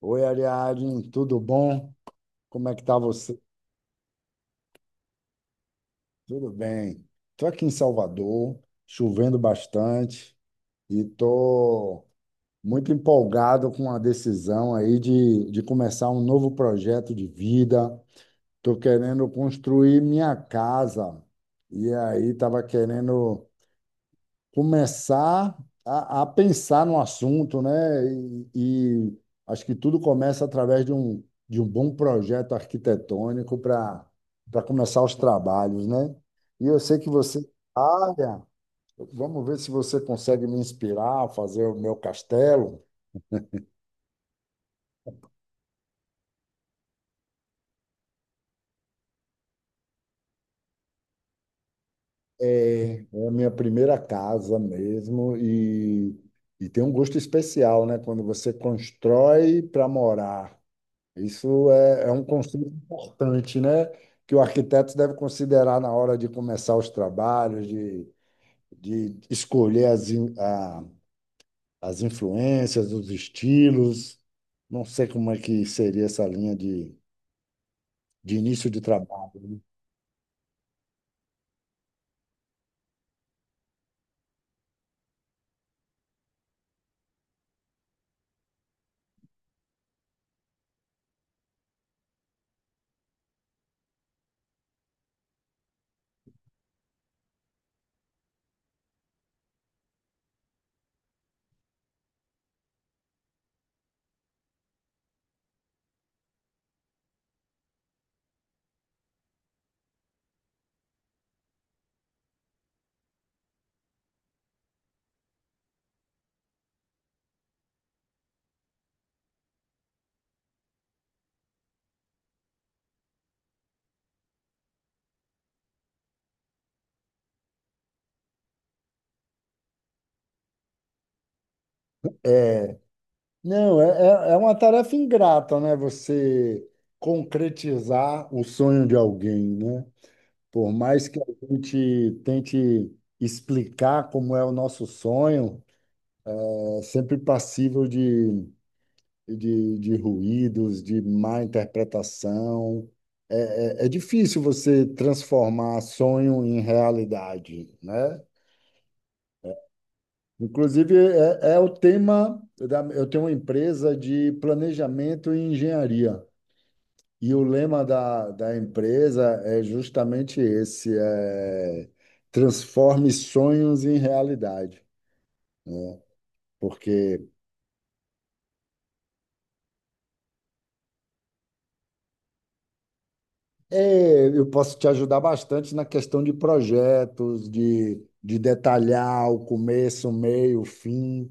Oi, Ariadne, tudo bom? Como é que tá você? Tudo bem. Estou aqui em Salvador, chovendo bastante e estou muito empolgado com a decisão aí de começar um novo projeto de vida. Estou querendo construir minha casa e aí estava querendo começar a pensar no assunto, né? E acho que tudo começa através de um bom projeto arquitetônico para começar os trabalhos, né? E eu sei que você, olha, vamos ver se você consegue me inspirar a fazer o meu castelo. É, é a minha primeira casa mesmo e tem um gosto especial, né? Quando você constrói para morar. Isso é, é um conceito importante, né? Que o arquiteto deve considerar na hora de começar os trabalhos, de escolher as influências, os estilos. Não sei como é que seria essa linha de início de trabalho, né? Não, é, é uma tarefa ingrata, né? Você concretizar o sonho de alguém, né? Por mais que a gente tente explicar como é o nosso sonho. É sempre passível de, de ruídos, de má interpretação. É, é difícil você transformar sonho em realidade, né? Inclusive, é, é o tema da, eu tenho uma empresa de planejamento e engenharia. E o lema da, da empresa é justamente esse, é, transforme sonhos em realidade. Porque é, eu posso te ajudar bastante na questão de projetos, de detalhar o começo, o meio, o fim,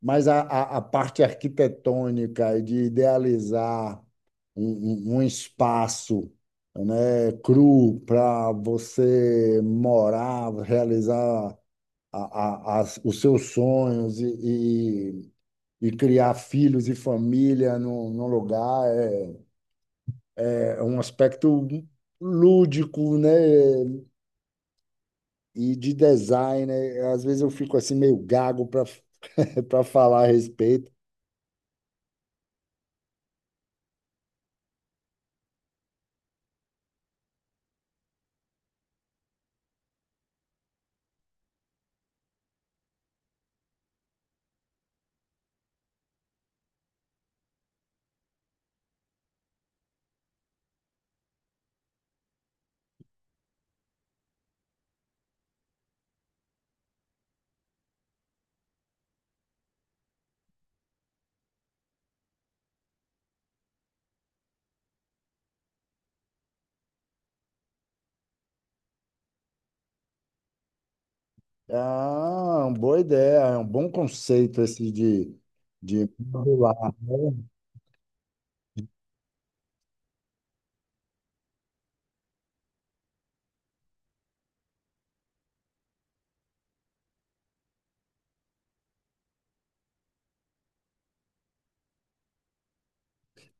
mas a parte arquitetônica e de idealizar um espaço, né, cru para você morar, realizar os seus sonhos e criar filhos e família num, num lugar é um aspecto lúdico, né? E de design, né? Às vezes eu fico assim meio gago para para falar a respeito. Ah, uma boa ideia, é um bom conceito esse de modular, né?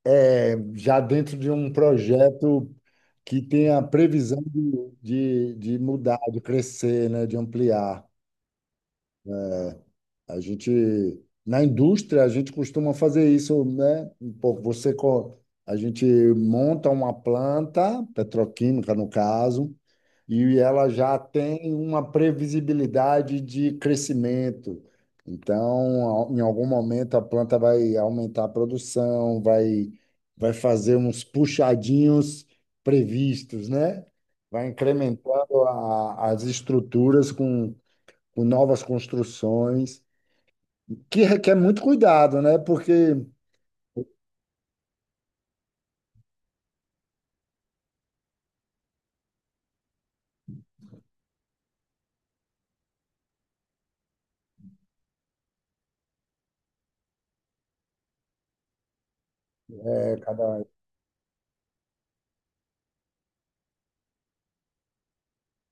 É, já dentro de um projeto que tem a previsão de, de mudar, de crescer, né? De ampliar. A gente, na indústria, a gente costuma fazer isso, né? Um pouco a gente monta uma planta, petroquímica no caso, e ela já tem uma previsibilidade de crescimento. Então, em algum momento, a planta vai aumentar a produção, vai fazer uns puxadinhos previstos, né? Vai incrementando as estruturas com novas construções que requer muito cuidado, né? Porque é,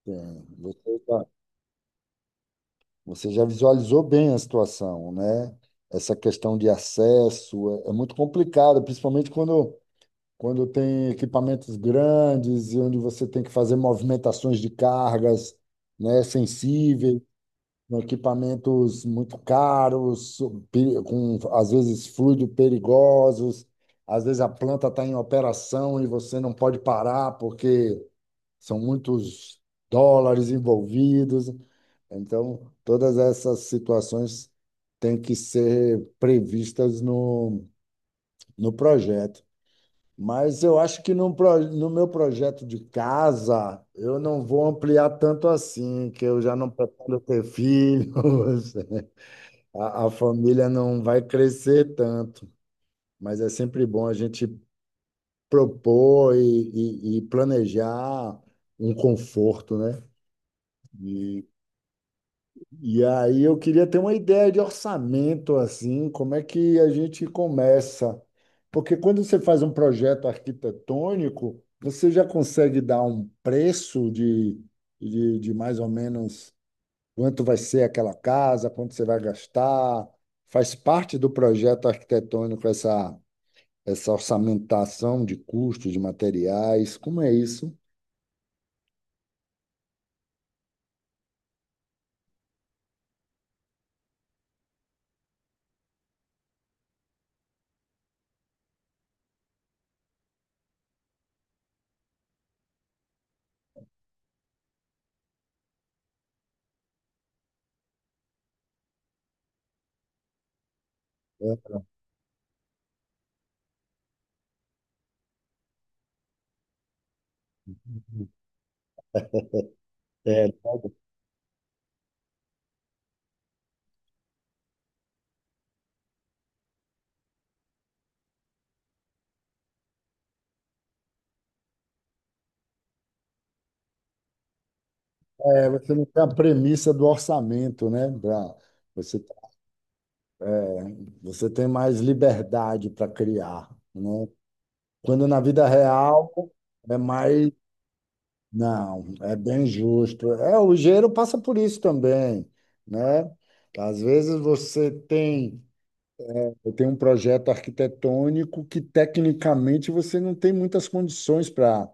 bem, você já visualizou bem a situação, né? Essa questão de acesso é, é muito complicada, principalmente quando tem equipamentos grandes e onde você tem que fazer movimentações de cargas, né, sensíveis, com equipamentos muito caros, com às vezes fluidos perigosos, às vezes a planta está em operação e você não pode parar porque são muitos dólares envolvidos, então todas essas situações têm que ser previstas no projeto. Mas eu acho que no meu projeto de casa, eu não vou ampliar tanto assim, que eu já não pretendo ter filhos, a família não vai crescer tanto. Mas é sempre bom a gente propor e planejar um conforto, né? E E aí eu queria ter uma ideia de orçamento, assim, como é que a gente começa? Porque quando você faz um projeto arquitetônico, você já consegue dar um preço de, de mais ou menos quanto vai ser aquela casa, quanto você vai gastar. Faz parte do projeto arquitetônico essa, essa orçamentação de custos, de materiais. Como é isso? É, é, é, você não tem a premissa do orçamento, né? Pra, você, você tem mais liberdade para criar, né? Quando na vida real é mais. Não, é bem justo. É, o engenheiro passa por isso também, né? Às vezes você tem, tem um projeto arquitetônico que tecnicamente você não tem muitas condições para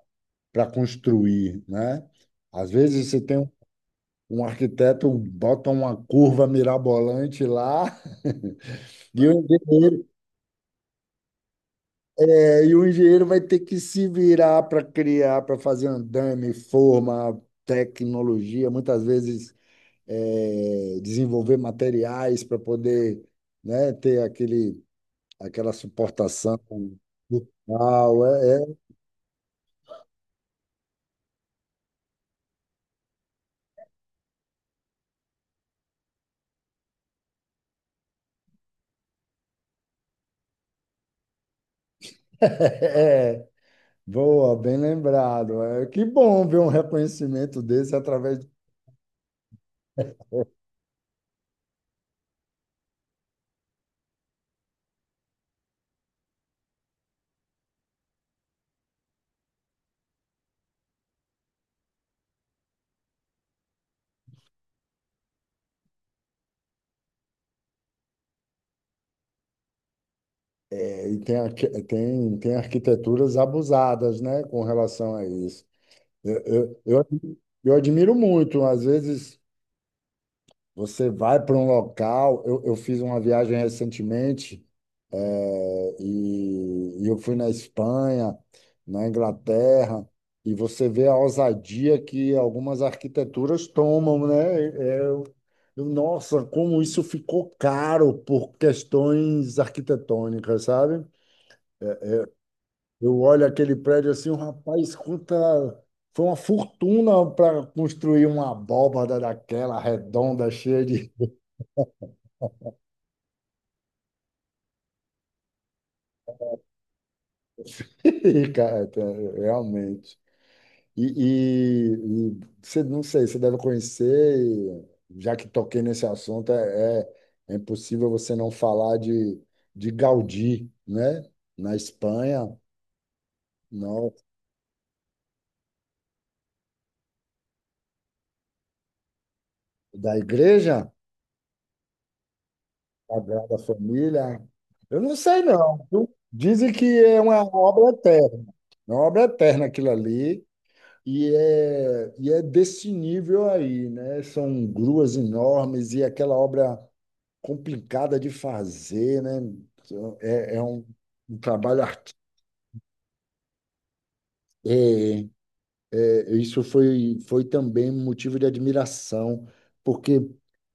construir, né? Às vezes você tem um um arquiteto bota uma curva mirabolante lá. E o engenheiro, é, o engenheiro vai ter que se virar para criar, para fazer andame, forma, tecnologia, muitas vezes é, desenvolver materiais para poder, né, ter aquele, aquela suportação brutal. É, é, é. Boa, bem lembrado. É, que bom ver um reconhecimento desse através. É, e tem, tem arquiteturas abusadas, né, com relação a isso. Eu, eu, eu, eu admiro muito, às vezes você vai para um local, eu fiz uma viagem recentemente, e eu fui na Espanha, na Inglaterra, e você vê a ousadia que algumas arquiteturas tomam, né? É, é, eu, nossa, como isso ficou caro por questões arquitetônicas, sabe? Eu olho aquele prédio assim, o rapaz, quanta. Foi uma fortuna para construir uma abóbada daquela redonda, cheia de. Cara, é, realmente. E, e você, não sei, você deve conhecer, e já que toquei nesse assunto, é, é impossível você não falar de Gaudí, né? Na Espanha, não, da igreja. Sagrada Família. Eu não sei, não, viu? Dizem que é uma obra eterna. É uma obra eterna aquilo ali. E é desse nível aí, né? São gruas enormes e aquela obra complicada de fazer, né? É, é um, um trabalho artístico. É, é, isso foi, foi também motivo de admiração, porque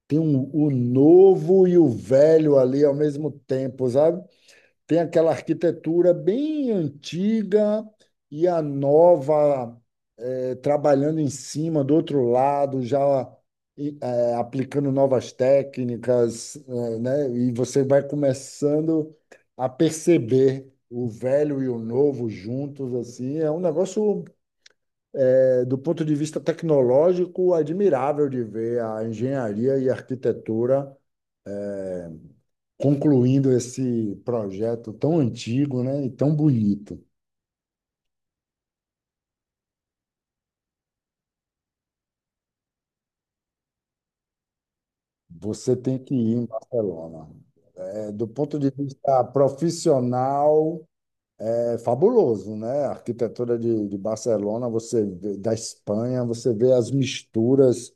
tem o novo e o velho ali ao mesmo tempo, sabe? Tem aquela arquitetura bem antiga e a nova, eh, trabalhando em cima do outro lado, já eh, aplicando novas técnicas, eh, né? E você vai começando a perceber o velho e o novo juntos, assim, é um negócio, eh, do ponto de vista tecnológico admirável de ver a engenharia e a arquitetura concluindo esse projeto tão antigo, né, e tão bonito. Você tem que ir em Barcelona. É, do ponto de vista profissional, é fabuloso, né? A arquitetura de Barcelona, você vê, da Espanha, você vê as misturas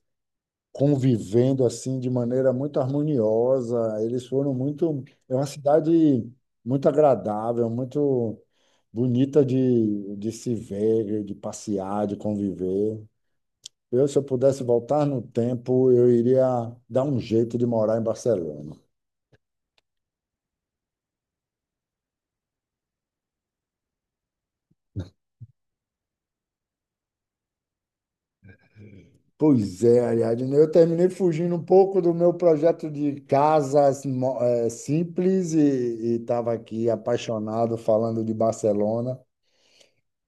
convivendo assim de maneira muito harmoniosa. Eles foram muito. É uma cidade muito agradável, muito bonita de se ver, de passear, de conviver. Eu, se eu pudesse voltar no tempo, eu iria dar um jeito de morar em Barcelona. Pois é, Ariadne, eu terminei fugindo um pouco do meu projeto de casas eh, simples e estava aqui apaixonado falando de Barcelona.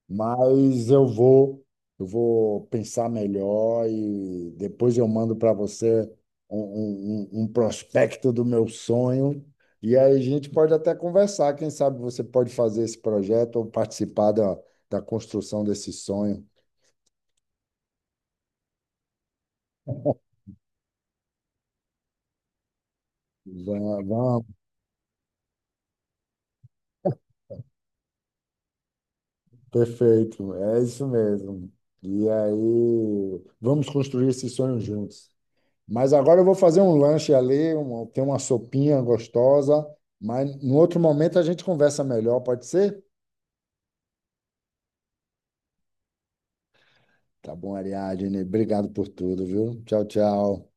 Mas eu vou pensar melhor e depois eu mando para você um prospecto do meu sonho. E aí a gente pode até conversar. Quem sabe você pode fazer esse projeto ou participar da, da construção desse sonho. Vamos, perfeito, é isso mesmo. E aí, vamos construir esse sonho juntos. Mas agora eu vou fazer um lanche ali, um, tem uma sopinha gostosa, mas no outro momento a gente conversa melhor, pode ser? Tá bom, Ariadne. Obrigado por tudo, viu? Tchau, tchau.